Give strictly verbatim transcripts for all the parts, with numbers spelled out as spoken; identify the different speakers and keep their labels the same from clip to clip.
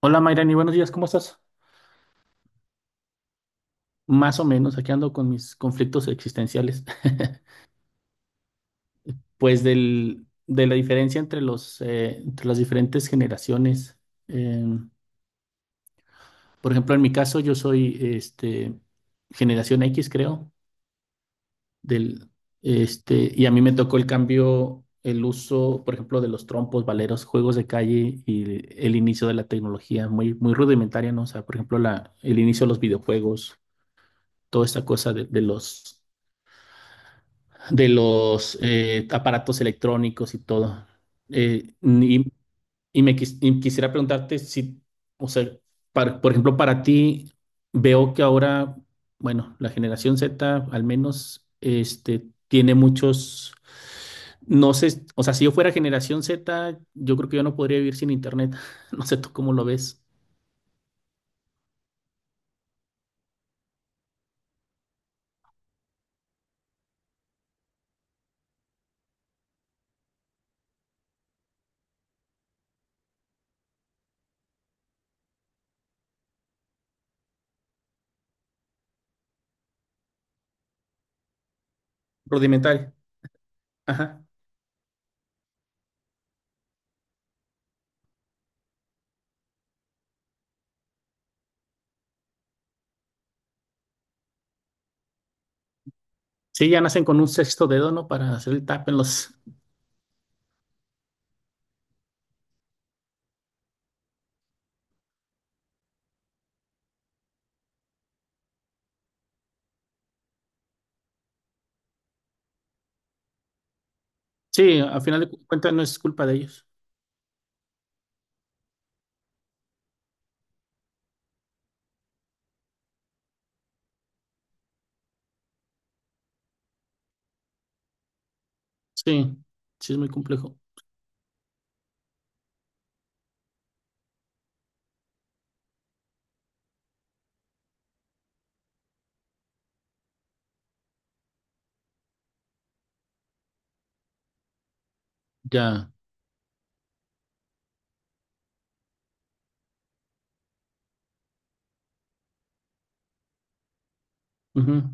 Speaker 1: Hola Mayrani, buenos días, ¿cómo estás? Más o menos, aquí ando con mis conflictos existenciales. Pues del, de la diferencia entre los, eh, entre las diferentes generaciones. Eh, por ejemplo, en mi caso yo soy este, generación equis, creo, del, este, y a mí me tocó el cambio, el uso, por ejemplo, de los trompos, valeros, juegos de calle y el inicio de la tecnología, muy, muy rudimentaria, ¿no? O sea, por ejemplo, la, el inicio de los videojuegos, toda esta cosa de de los de los eh, aparatos electrónicos y todo. Eh, y, y me quis- y quisiera preguntarte si, o sea, para- por ejemplo, para ti, veo que ahora, bueno, la generación zeta al menos, este, tiene muchos, no sé, o sea, si yo fuera generación zeta, yo creo que yo no podría vivir sin internet. No sé tú cómo lo ves. Rudimentario. Ajá. Sí, ya nacen con un sexto dedo, ¿no? Para hacer el tap en los... Sí, a final de cu- cuentas no es culpa de ellos. Sí, sí es muy complejo. Ya. Ujú.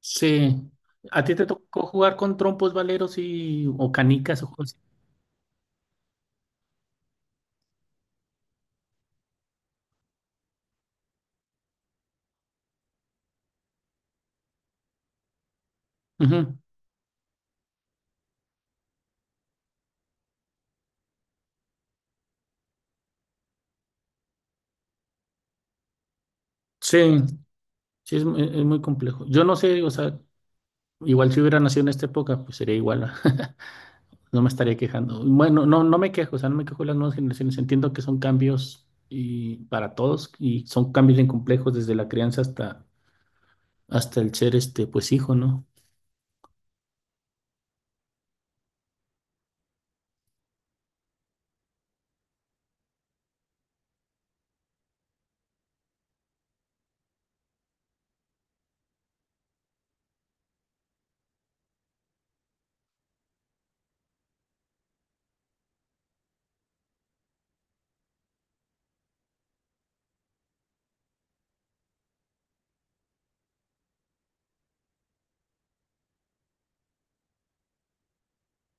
Speaker 1: Sí. ¿A ti te tocó jugar con trompos, valeros y o canicas o cosas así? Ujú. Sí, sí es, mu- es muy complejo. Yo no sé, o sea, igual si hubiera nacido en esta época, pues sería igual. No me estaría quejando. Bueno, no, no me quejo, o sea, no me quejo de las nuevas generaciones. Entiendo que son cambios y para todos y son cambios bien complejos desde la crianza hasta hasta el ser este pues hijo, ¿no?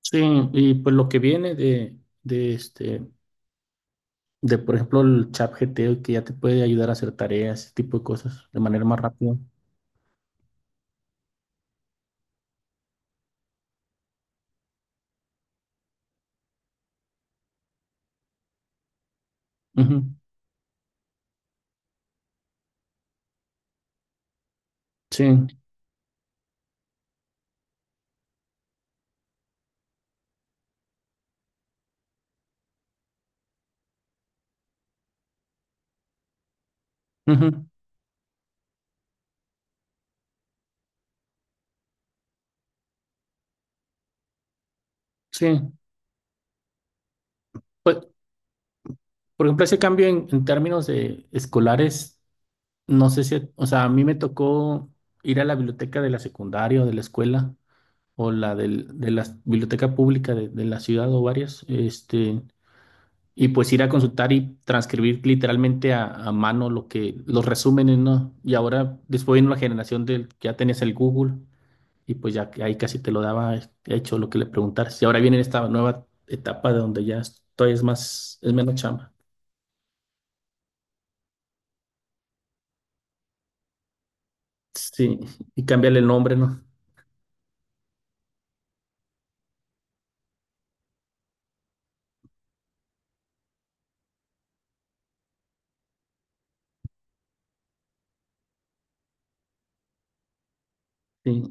Speaker 1: Sí, y pues lo que viene de de este de, por ejemplo, el chat ge te o que ya te puede ayudar a hacer tareas, ese tipo de cosas, de manera más rápida. Ujú. Sí, ujú, sí. Pues, por ejemplo, ese cambio en, en términos de escolares, no sé si, o sea, a mí me tocó ir a la biblioteca de la secundaria o de la escuela o la del- de la biblioteca pública de, de la ciudad o varias, este, y pues ir a consultar y transcribir literalmente a, a mano lo que, los resúmenes, ¿no? Y ahora, después vino la generación del, que ya tenías el Google. Y pues ya que ahí casi te lo daba hecho lo que le preguntaras. Y ahora viene esta nueva etapa de donde ya es- es más, es menos chamba. Sí, y cambiarle el nombre, ¿no? Sí,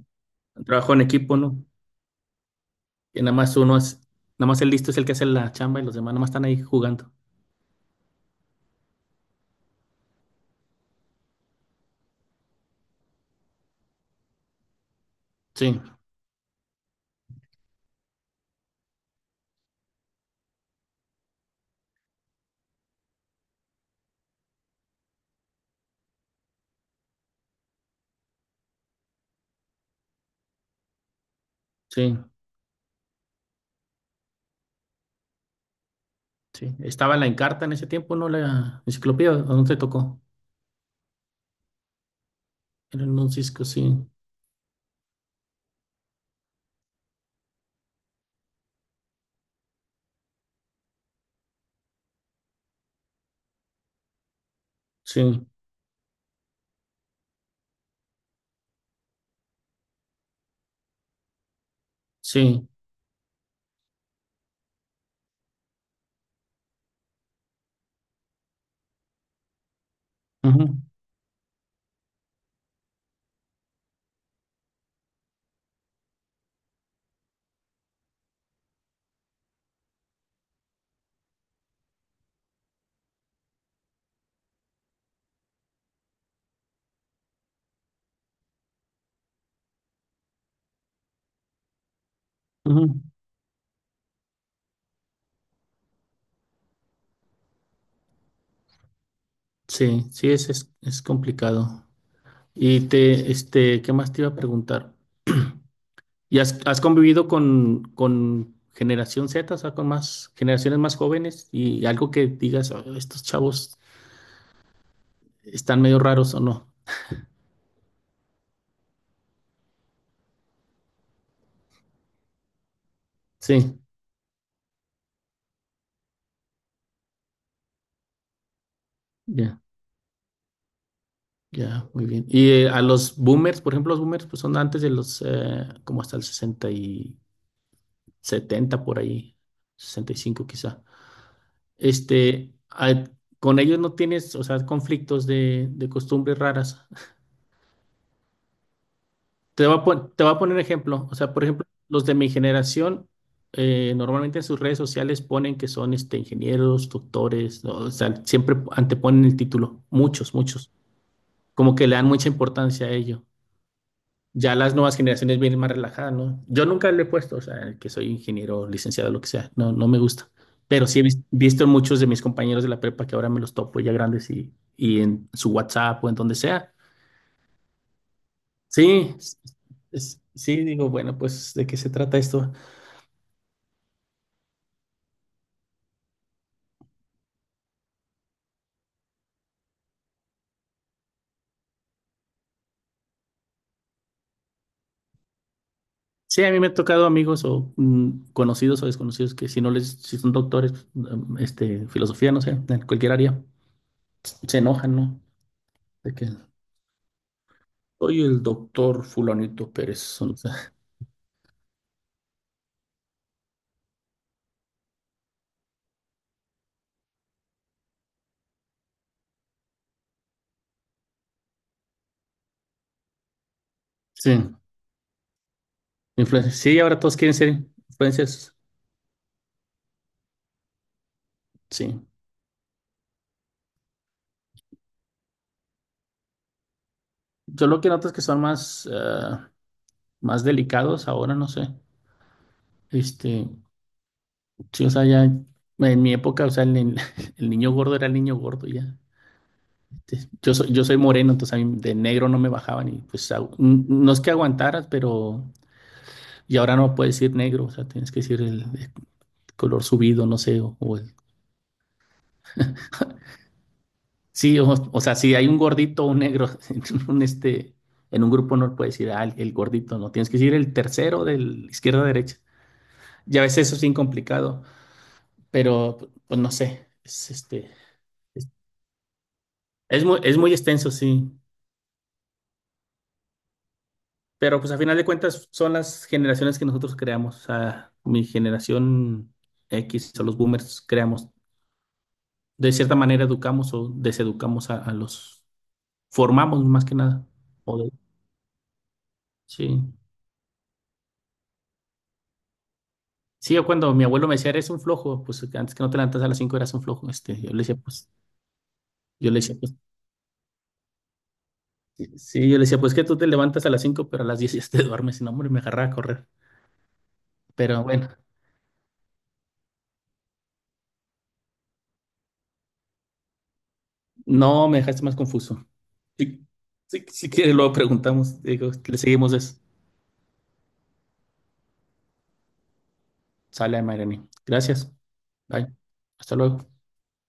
Speaker 1: trabajo en equipo, ¿no? Que nada más uno es, nada más el listo es el que hace la chamba y los demás nada más están ahí jugando. Sí, sí, sí. Estaba en la Encarta en ese tiempo, ¿no? La enciclopedia, ¿a dónde te tocó? En un Cisco, sí, sí, sí. Ujú, ujú. Sí, sí, es, es, es complicado. Y te, este, ¿qué más te iba a preguntar? ¿Y has, has convivido con, con generación zeta, o sea, con más generaciones más jóvenes y algo que digas, "Oh, estos chavos están medio raros o no"? Sí, ya, ya, muy bien. Y eh, a los boomers, por ejemplo, los boomers pues son antes de los, eh, como hasta el sesenta y setenta por ahí, sesenta y cinco quizá. Este, a- con ellos no tienes, o sea, conflictos de, de costumbres raras. Te voy a, pon- te voy a poner ejemplo. O sea, por ejemplo, los de mi generación eh, normalmente en sus redes sociales ponen que son este, ingenieros, doctores, ¿no? O sea, siempre anteponen el título. Muchos, muchos. Como que le dan mucha importancia a ello. Ya las nuevas generaciones vienen más relajadas, ¿no? Yo nunca le he puesto, o sea, que soy ingeniero, licenciado, lo que sea. No, no me gusta. Pero sí he vis- visto en muchos de mis compañeros de la prepa que ahora me los topo ya grandes y, y en su WhatsApp o en donde sea. Sí, es- es- sí, digo, bueno, pues, ¿de qué se trata esto? Sí, a mí me ha tocado amigos o mm, conocidos o desconocidos que si no les, si son doctores, mm, este, filosofía, no sé, en cualquier área, se enojan, ¿no? De que soy el doctor fulanito Pérez. O no sé. Sí, influencers. Sí, ahora todos quieren ser influencers. Sí. Yo lo que noto es que son más, ah, más delicados ahora, no sé. Este, sí, o sea, ya en mi época, o sea, el, ni- el niño gordo era el niño gordo ya. Yo soy, yo soy moreno, entonces a mí de negro no me bajaban y pues agu- n- no es que aguantaras, pero y ahora no puedes decir negro, o sea, tienes que decir el, el color subido, no sé, o, o el- sí, o, o sea, si hay un gordito o un negro en un este en un grupo no puedes decir ah, el, el gordito, no, tienes que decir el tercero del izquierda a derecha. Ya a veces eso es bien complicado, pero pues no sé, es este es, es muy es muy extenso, sí. Pero pues a final de cuentas son las generaciones que nosotros creamos. O sea, mi generación equis o los boomers creamos. De cierta manera educamos o deseducamos a, a los, formamos más que nada. O de- sí. Sí, yo cuando mi abuelo me decía, eres un flojo, pues que antes que no te levantas a las cinco eras un flojo. Este, yo le decía, pues, yo le decía, pues, sí, yo le decía, pues que tú te levantas a las cinco pero a las diez ya te duermes. Y no, hombre, me agarraba a correr. Pero bueno, no me dejaste más confuso. Sí, sí, si quieres, luego preguntamos, digo, le seguimos eso. Sale, Mayrani. Gracias. Bye. Hasta luego.